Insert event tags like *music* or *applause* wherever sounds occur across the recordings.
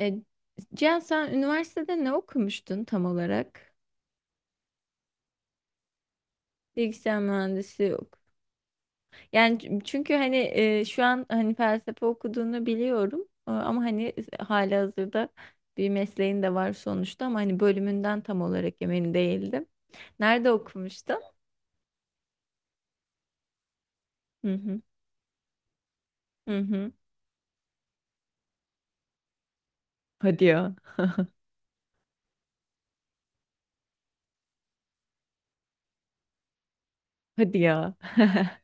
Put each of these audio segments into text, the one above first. E, Cihan sen üniversitede ne okumuştun tam olarak? Bilgisayar mühendisi yok. Yani çünkü hani şu an hani felsefe okuduğunu biliyorum, ama hani halihazırda bir mesleğin de var sonuçta ama hani bölümünden tam olarak emin değildim. Nerede okumuştun? Hı hı. Hı hı. Hadi ya. Hadi ya. *laughs*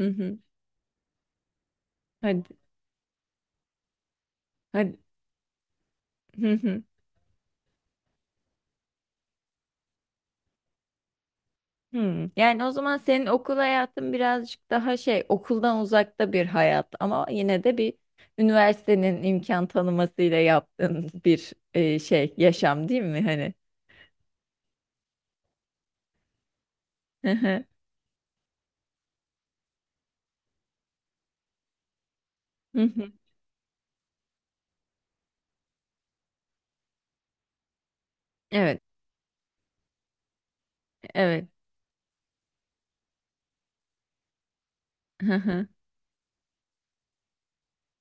Hı hı. Hadi. Hadi. Hı hı. Hmm. Yani o zaman senin okul hayatın birazcık daha şey, okuldan uzakta bir hayat ama yine de bir üniversitenin imkan tanımasıyla yaptığın bir şey yaşam, değil mi hani? Hı hı. Hı hı. Evet, evet. Hı hı.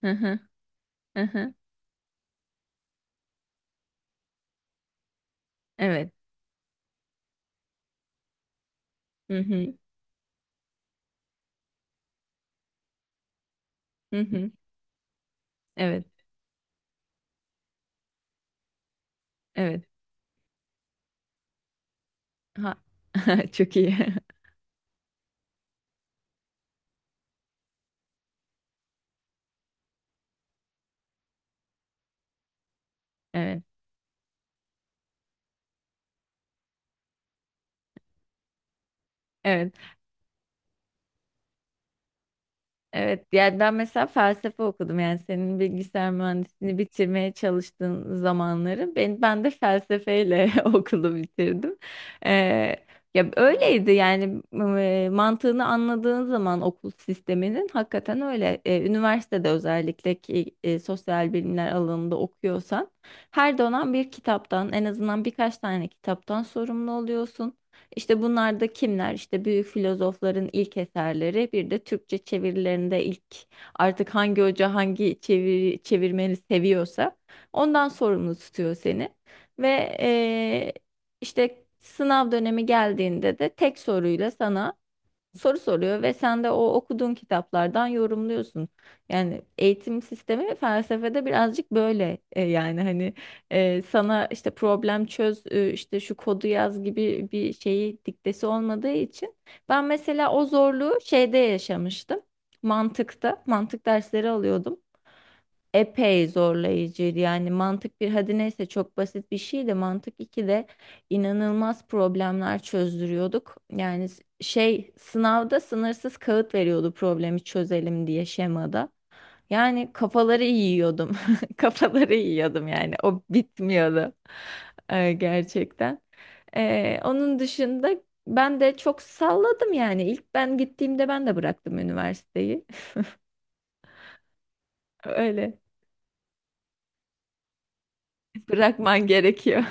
Hı hı. Hı hı. Evet. Hı hı. Hı hı. Evet, evet. Ha. *laughs* Çok iyi. *laughs* Evet. Evet. Evet, yani ben mesela felsefe okudum. Yani senin bilgisayar mühendisliğini bitirmeye çalıştığın zamanları ben de felsefeyle *laughs* okulu bitirdim. Ee, Ya öyleydi yani, mantığını anladığın zaman okul sisteminin hakikaten öyle. Üniversitede özellikle ki sosyal bilimler alanında okuyorsan her dönem bir kitaptan, en azından birkaç tane kitaptan sorumlu oluyorsun. İşte bunlar da kimler? İşte büyük filozofların ilk eserleri, bir de Türkçe çevirilerinde ilk, artık hangi hoca hangi çeviri, çevirmeni seviyorsa ondan sorumlu tutuyor seni. Ve eee, işte sınav dönemi geldiğinde de tek soruyla sana soru soruyor ve sen de o okuduğun kitaplardan yorumluyorsun. Yani eğitim sistemi felsefede birazcık böyle yani hani sana işte problem çöz, işte şu kodu yaz gibi bir şeyi diktesi olmadığı için ben mesela o zorluğu şeyde yaşamıştım. Mantıkta, mantık dersleri alıyordum, epey zorlayıcıydı. Yani mantık bir, hadi neyse, çok basit bir şeydi. Mantık 2'de inanılmaz problemler çözdürüyorduk. Yani şey, sınavda sınırsız kağıt veriyordu problemi çözelim diye şemada. Yani kafaları yiyordum. *laughs* Kafaları yiyordum yani. O bitmiyordu. Gerçekten. Onun dışında ben de çok salladım yani. İlk ben gittiğimde ben de bıraktım üniversiteyi. *laughs* Öyle. Bırakman gerekiyor.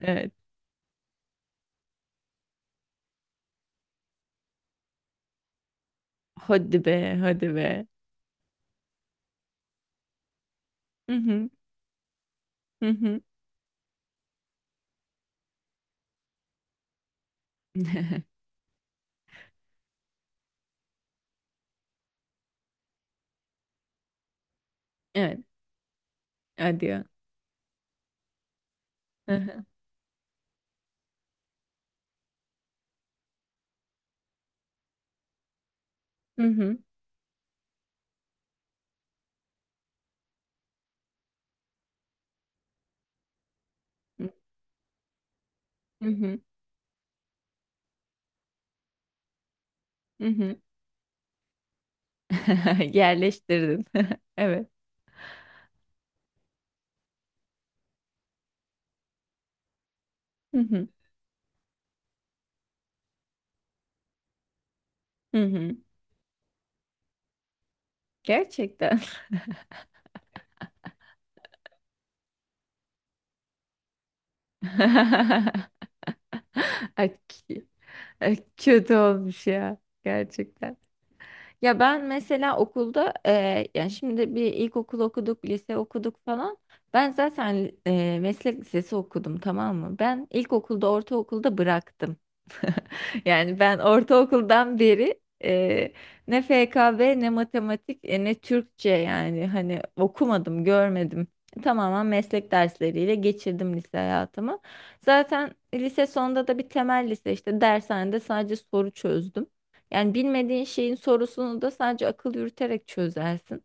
*laughs* Evet. Hadi be, hadi be. Hı hı, hı hı. *laughs* Evet, hadi ya. Hı hı, hı hı, hı hı, hı hı. *laughs* Yerleştirdin. *laughs* Evet. Hı hı, hı hı. Gerçekten. *laughs* Ay, k- Ay, kötü olmuş ya. Gerçekten. Ya ben mesela okulda yani şimdi bir ilkokul okuduk, lise okuduk falan. Ben zaten meslek lisesi okudum, tamam mı? Ben ilkokulda, ortaokulda bıraktım. Yani ben ortaokuldan beri ne FKB, ne matematik, ne Türkçe yani hani okumadım, görmedim. Tamamen meslek dersleriyle geçirdim lise hayatımı. Zaten lise sonunda da bir temel lise, işte dershanede sadece soru çözdüm. Yani bilmediğin şeyin sorusunu da sadece akıl yürüterek çözersin.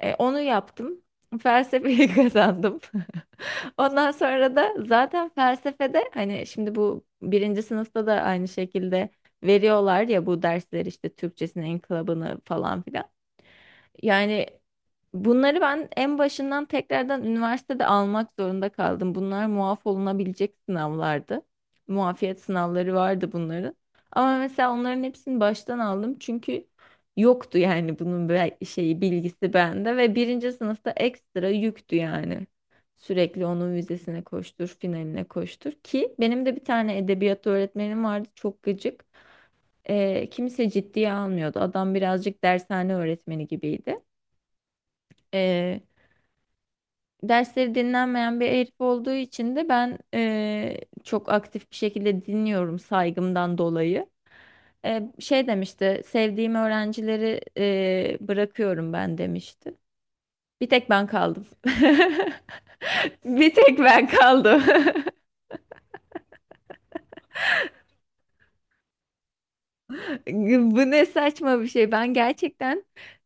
Onu yaptım. Felsefeyi *laughs* kazandım. Ondan sonra da zaten felsefede hani, şimdi bu birinci sınıfta da aynı şekilde veriyorlar ya bu dersler, işte Türkçesinin inkılabını falan filan. Yani bunları ben en başından tekrardan üniversitede almak zorunda kaldım. Bunlar muaf olunabilecek sınavlardı. Muafiyet sınavları vardı bunların. Ama mesela onların hepsini baştan aldım çünkü yoktu yani bunun şeyi, bilgisi bende ve birinci sınıfta ekstra yüktü yani. Sürekli onun vizesine koştur, finaline koştur. Ki benim de bir tane edebiyat öğretmenim vardı, çok gıcık. Kimse ciddiye almıyordu. Adam birazcık dershane öğretmeni gibiydi. Ee, Dersleri dinlenmeyen bir herif olduğu için de ben çok aktif bir şekilde dinliyorum saygımdan dolayı. Şey demişti, sevdiğim öğrencileri bırakıyorum ben demişti. Bir tek ben kaldım. *laughs* Bir tek ben kaldım. *laughs* Bu ne saçma bir şey. Ben gerçekten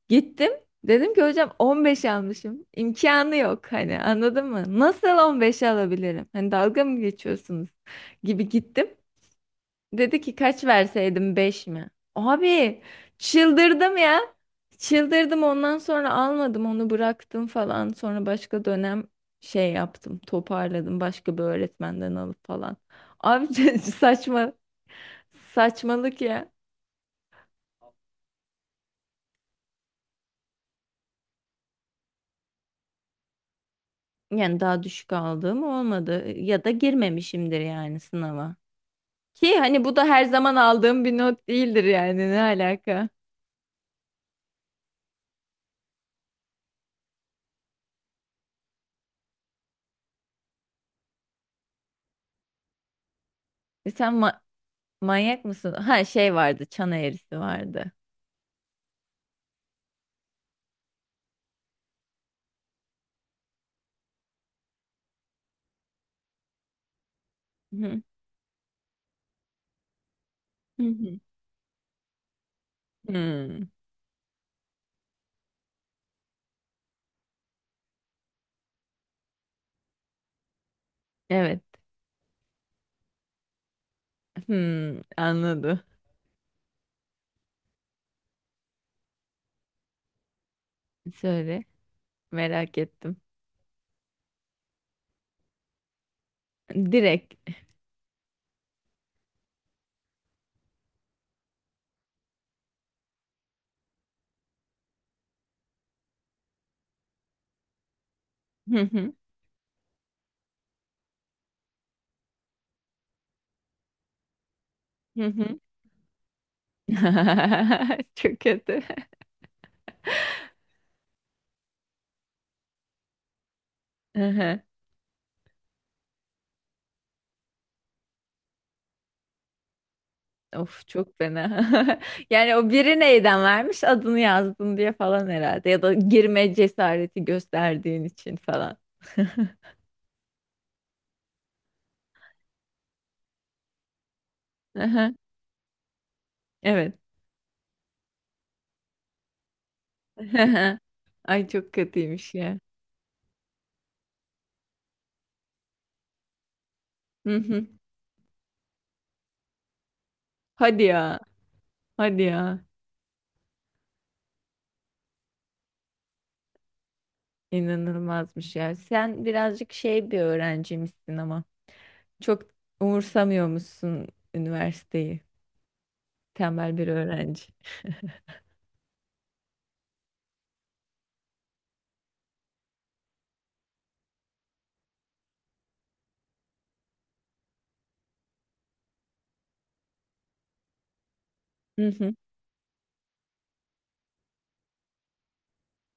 gittim. Dedim ki hocam, 15 almışım. İmkanı yok, hani anladın mı? Nasıl 15 alabilirim? Hani dalga mı geçiyorsunuz gibi gittim. Dedi ki kaç verseydim, 5 mi? Abi çıldırdım ya. Çıldırdım, ondan sonra almadım onu, bıraktım falan. Sonra başka dönem şey yaptım, toparladım başka bir öğretmenden alıp falan. Abi *laughs* saçma, saçmalık ya. Yani daha düşük aldığım olmadı ya da girmemişimdir yani sınava. Ki hani bu da her zaman aldığım bir not değildir yani, ne alaka? E sen ma- Manyak mısın? Ha şey vardı, çan eğrisi vardı. Hı hı. Hı. Hmm, evet. Hmm, anladım. Söyle, merak ettim. Direkt. Hı hı, hı hı. *laughs* Çok kötü. *laughs* Of, çok fena. *laughs* Yani o biri neyden vermiş, adını yazdın diye falan herhalde, ya da girme cesareti gösterdiğin için falan. Aha, evet. *laughs* Ay, çok kötüymüş ya. Hı hı. Hadi ya. Hadi ya. İnanılmazmış ya. Sen birazcık şey bir öğrencimsin ama çok umursamıyormuşsun üniversiteyi. Tembel bir öğrenci. Hı hı.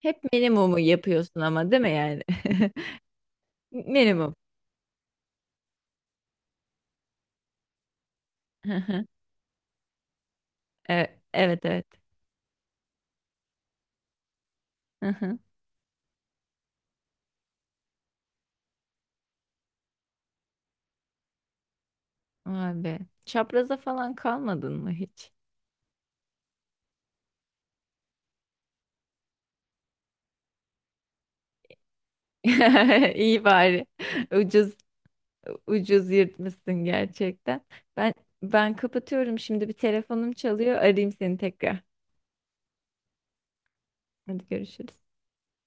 Hep minimumu yapıyorsun ama, değil mi yani? *laughs* Minimum. *laughs* Evet, evet. Hı hı. Vay be. Çapraza falan kalmadın mı hiç? *laughs* İyi bari. Ucuz, ucuz yırtmışsın gerçekten. Ben ben kapatıyorum şimdi, bir telefonum çalıyor. Arayayım seni tekrar. Hadi görüşürüz.